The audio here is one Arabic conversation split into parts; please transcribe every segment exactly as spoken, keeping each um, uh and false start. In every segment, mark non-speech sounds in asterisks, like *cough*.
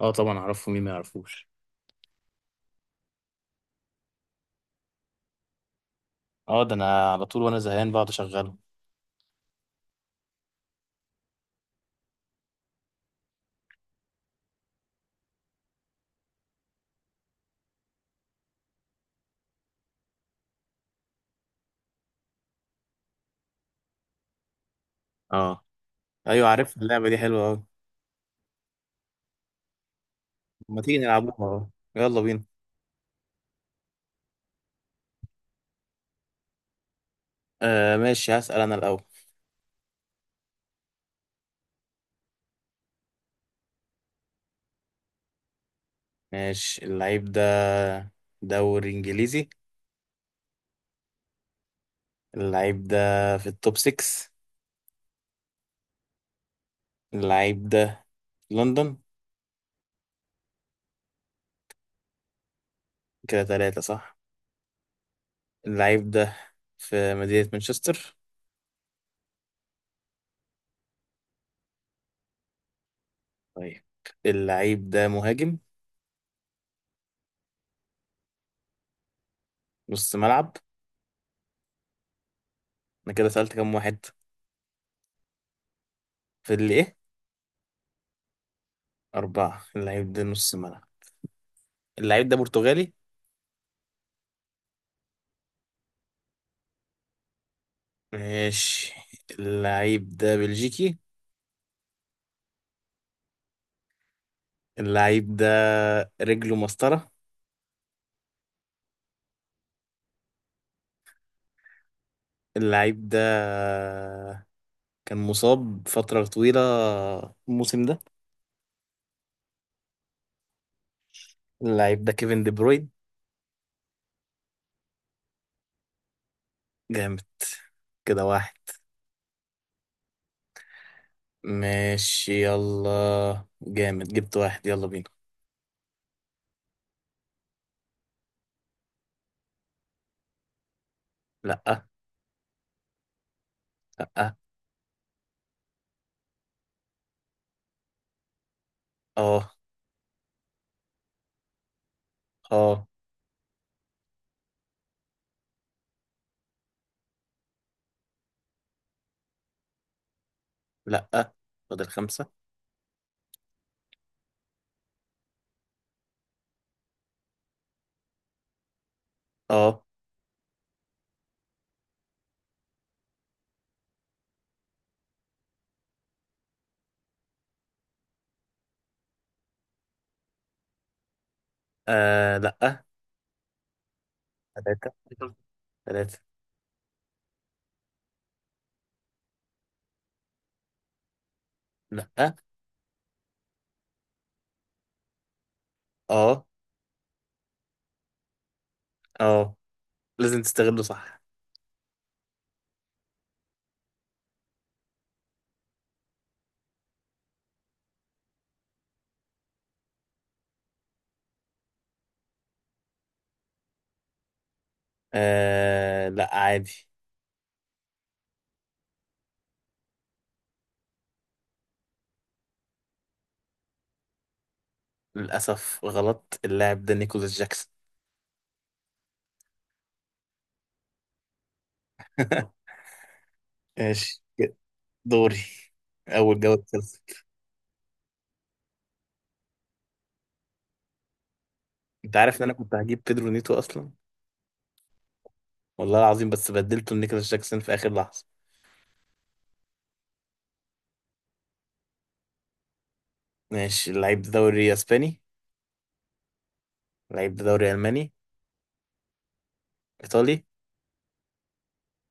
اه، طبعا اعرفه، مين ما يعرفوش. اه ده انا على طول وانا زهقان بقعد اشغله. اه ايوه عارف اللعبه دي حلوه قوي. ما تيجي نلعبوها؟ اه يلا بينا. آه ماشي، هسأل انا الاول. ماشي. اللعيب ده دوري انجليزي. اللعيب ده في التوب ستة. اللعيب ده في لندن. كده ثلاثة صح. اللعيب ده في مدينة مانشستر. طيب، اللعيب ده مهاجم؟ نص ملعب. انا كده سألت كام واحد؟ في اللي ايه. أربعة. اللعيب ده نص ملعب. اللعيب ده برتغالي. ماشي. اللعيب ده بلجيكي. اللعيب ده رجله مسطرة. اللعيب ده كان مصاب فترة طويلة الموسم ده. اللعيب ده كيفن دي بروين. جامد. كده واحد. ماشي يلا، جامد جبت واحد، يلا بينا. لأ. لأ. اه. اه. لأ. فاضل خمسة. اه. آه لأ. تلاتة. تلاتة. لأ. اه. اه، لازم تستغله صح. آه لا، عادي. للأسف غلط، اللاعب ده نيكولاس جاكسون. *laughs* ماشي، دوري أول جولة خلصت. أنت عارف إن أنا كنت هجيب بيدرو نيتو أصلا، والله العظيم، بس بدلته لنيكولاس جاكسون في آخر لحظة. ماشي. اللعيب ده دوري أسباني. اللعيب ده دوري ألماني. إيطالي.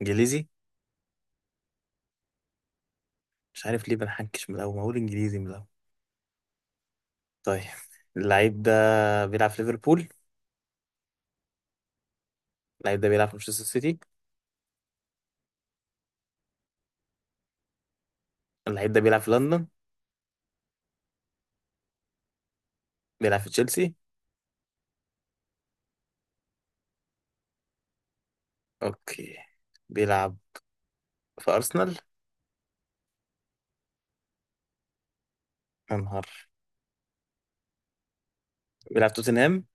إنجليزي. مش عارف ليه بنحنكش من الأول، ما أقول إنجليزي من الأول. طيب، اللعيب ده بيلعب في ليفربول. اللعيب ده بيلعب في مانشستر سيتي. اللعيب ده بيلعب في لندن. بيلعب في تشيلسي. أوكي، بيلعب في أرسنال. يا نهار، بيلعب توتنهام.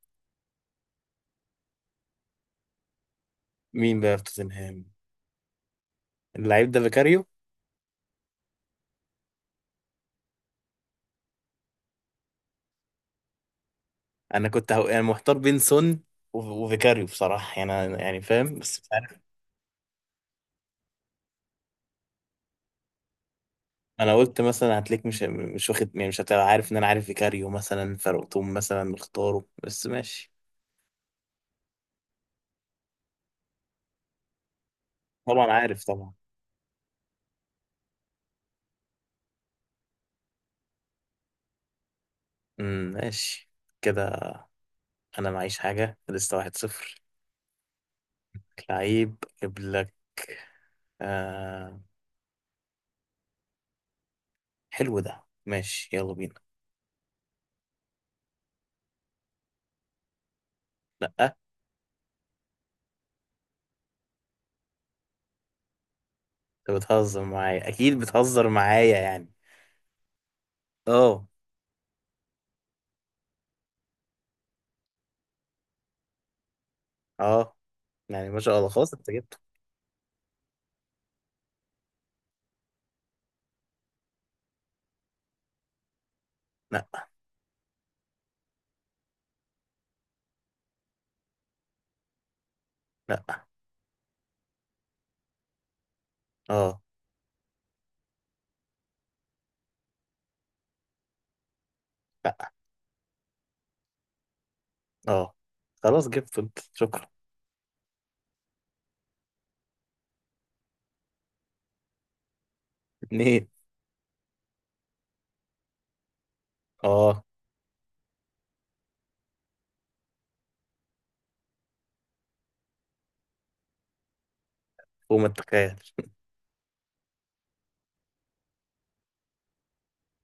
مين بقى في توتنهام؟ اللعيب ده فيكاريو. انا كنت هو... يعني محتار بين سون و- وفيكاريو بصراحه، يعني أنا- يعني فاهم بس مش عارف. انا قلت مثلا هتلاقيك مش مش واخد، يعني مش هتبقى عارف ان انا عارف فيكاريو مثلا، فرقتهم مثلا مختاره، بس ماشي. طبعا عارف طبعا. امم ماشي كده. انا معيش حاجه لسه، واحد صفر. لعيب اجيب لك. آه... حلو ده، ماشي يلا بينا. لا، انت بتهزر معايا، اكيد بتهزر معايا يعني. اه. اه، يعني ما شاء الله، خلاص انت جبته. لا. لا. اه. لا. اه خلاص جبته انت، شكرا. اتنين. اه، فوق ما تتخيل.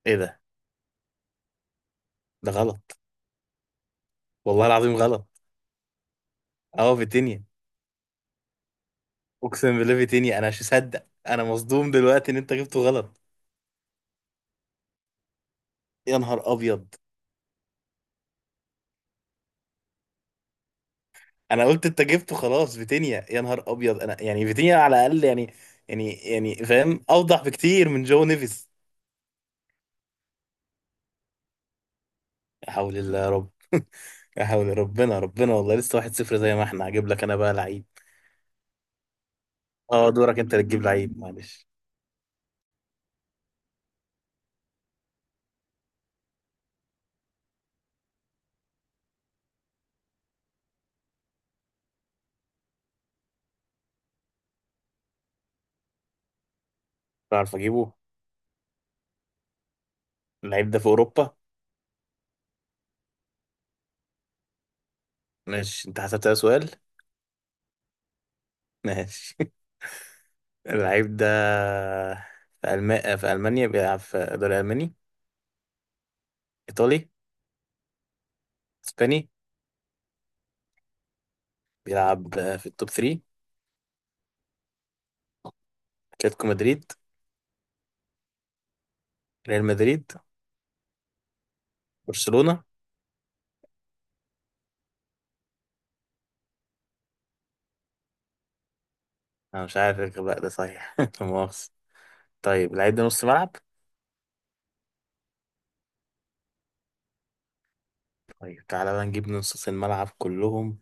ايه ده! ده غلط، والله العظيم غلط. اه فيتينيا. اقسم بالله فيتينيا، انا مش مصدق، انا مصدوم دلوقتي ان انت جبته غلط. يا نهار ابيض. انا قلت انت جبته خلاص فيتينيا، يا نهار ابيض. انا يعني فيتينيا على الاقل، يعني يعني يعني فاهم، اوضح بكتير من جو نيفيز. لا حول الله يا رب. *laughs* لا حول، ربنا ربنا، والله لسه واحد صفر زي ما احنا. هجيب لك انا بقى لعيب. اه، دورك انت اللي تجيب لعيب، معلش. بعرف اجيبه. اللعيب ده في اوروبا. ماشي، انت حسبت ده سؤال. ماشي. *laughs* اللعيب ده في ألم... في المانيا، بيلعب في الدوري الالماني. ايطالي. اسباني. بيلعب في التوب تلاتة. اتلتيكو مدريد. ريال مدريد. برشلونة. انا مش عارف الغباء ده صحيح، *laughs* لا مؤاخذة. طيب، اللعيب ده نص ملعب. طيب، تعالى بقى نجيب نص الملعب كلهم.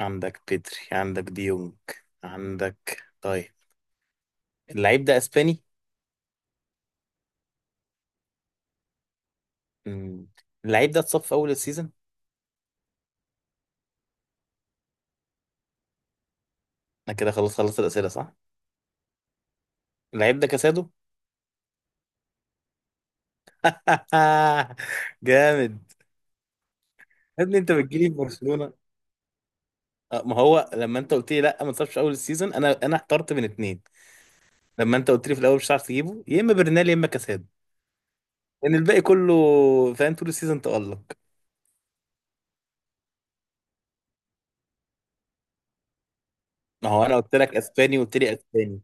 عندك بيدري، عندك ديونج، عندك طيب. اللعيب ده اسباني. مم. اللعيب ده اتصاب في اول السيزون. انا كده خلاص خلصت الاسئله صح. اللعيب ده كاسادو. *laughs* جامد. يا ابني، انت بتجيلي في برشلونه. آه، ما هو لما انت قلت لي لا ما اتصابش في اول السيزون، انا انا احترت من اتنين. لما انت قلت لي في الاول مش هتعرف تجيبه، يا اما برنال يا اما كاسادو. لان الباقي كله فاهم، طول السيزون تالق. ما هو انا قلت لك اسباني وقلت لي اسباني.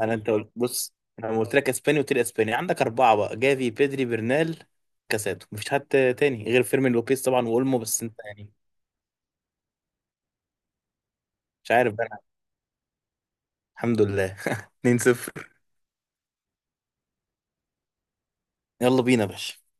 انا انت قلت، بص أنا لما قلت لك اسباني قلت لي اسباني، عندك اربعه بقى، جافي، بيدري، برنال، كاسادو. مفيش حد تاني غير فيرمين لوبيز طبعا واولمو، بس انت يعني مش عارف. الحمد لله. *laughs* اتنين صفر. يلا بينا يا باشا.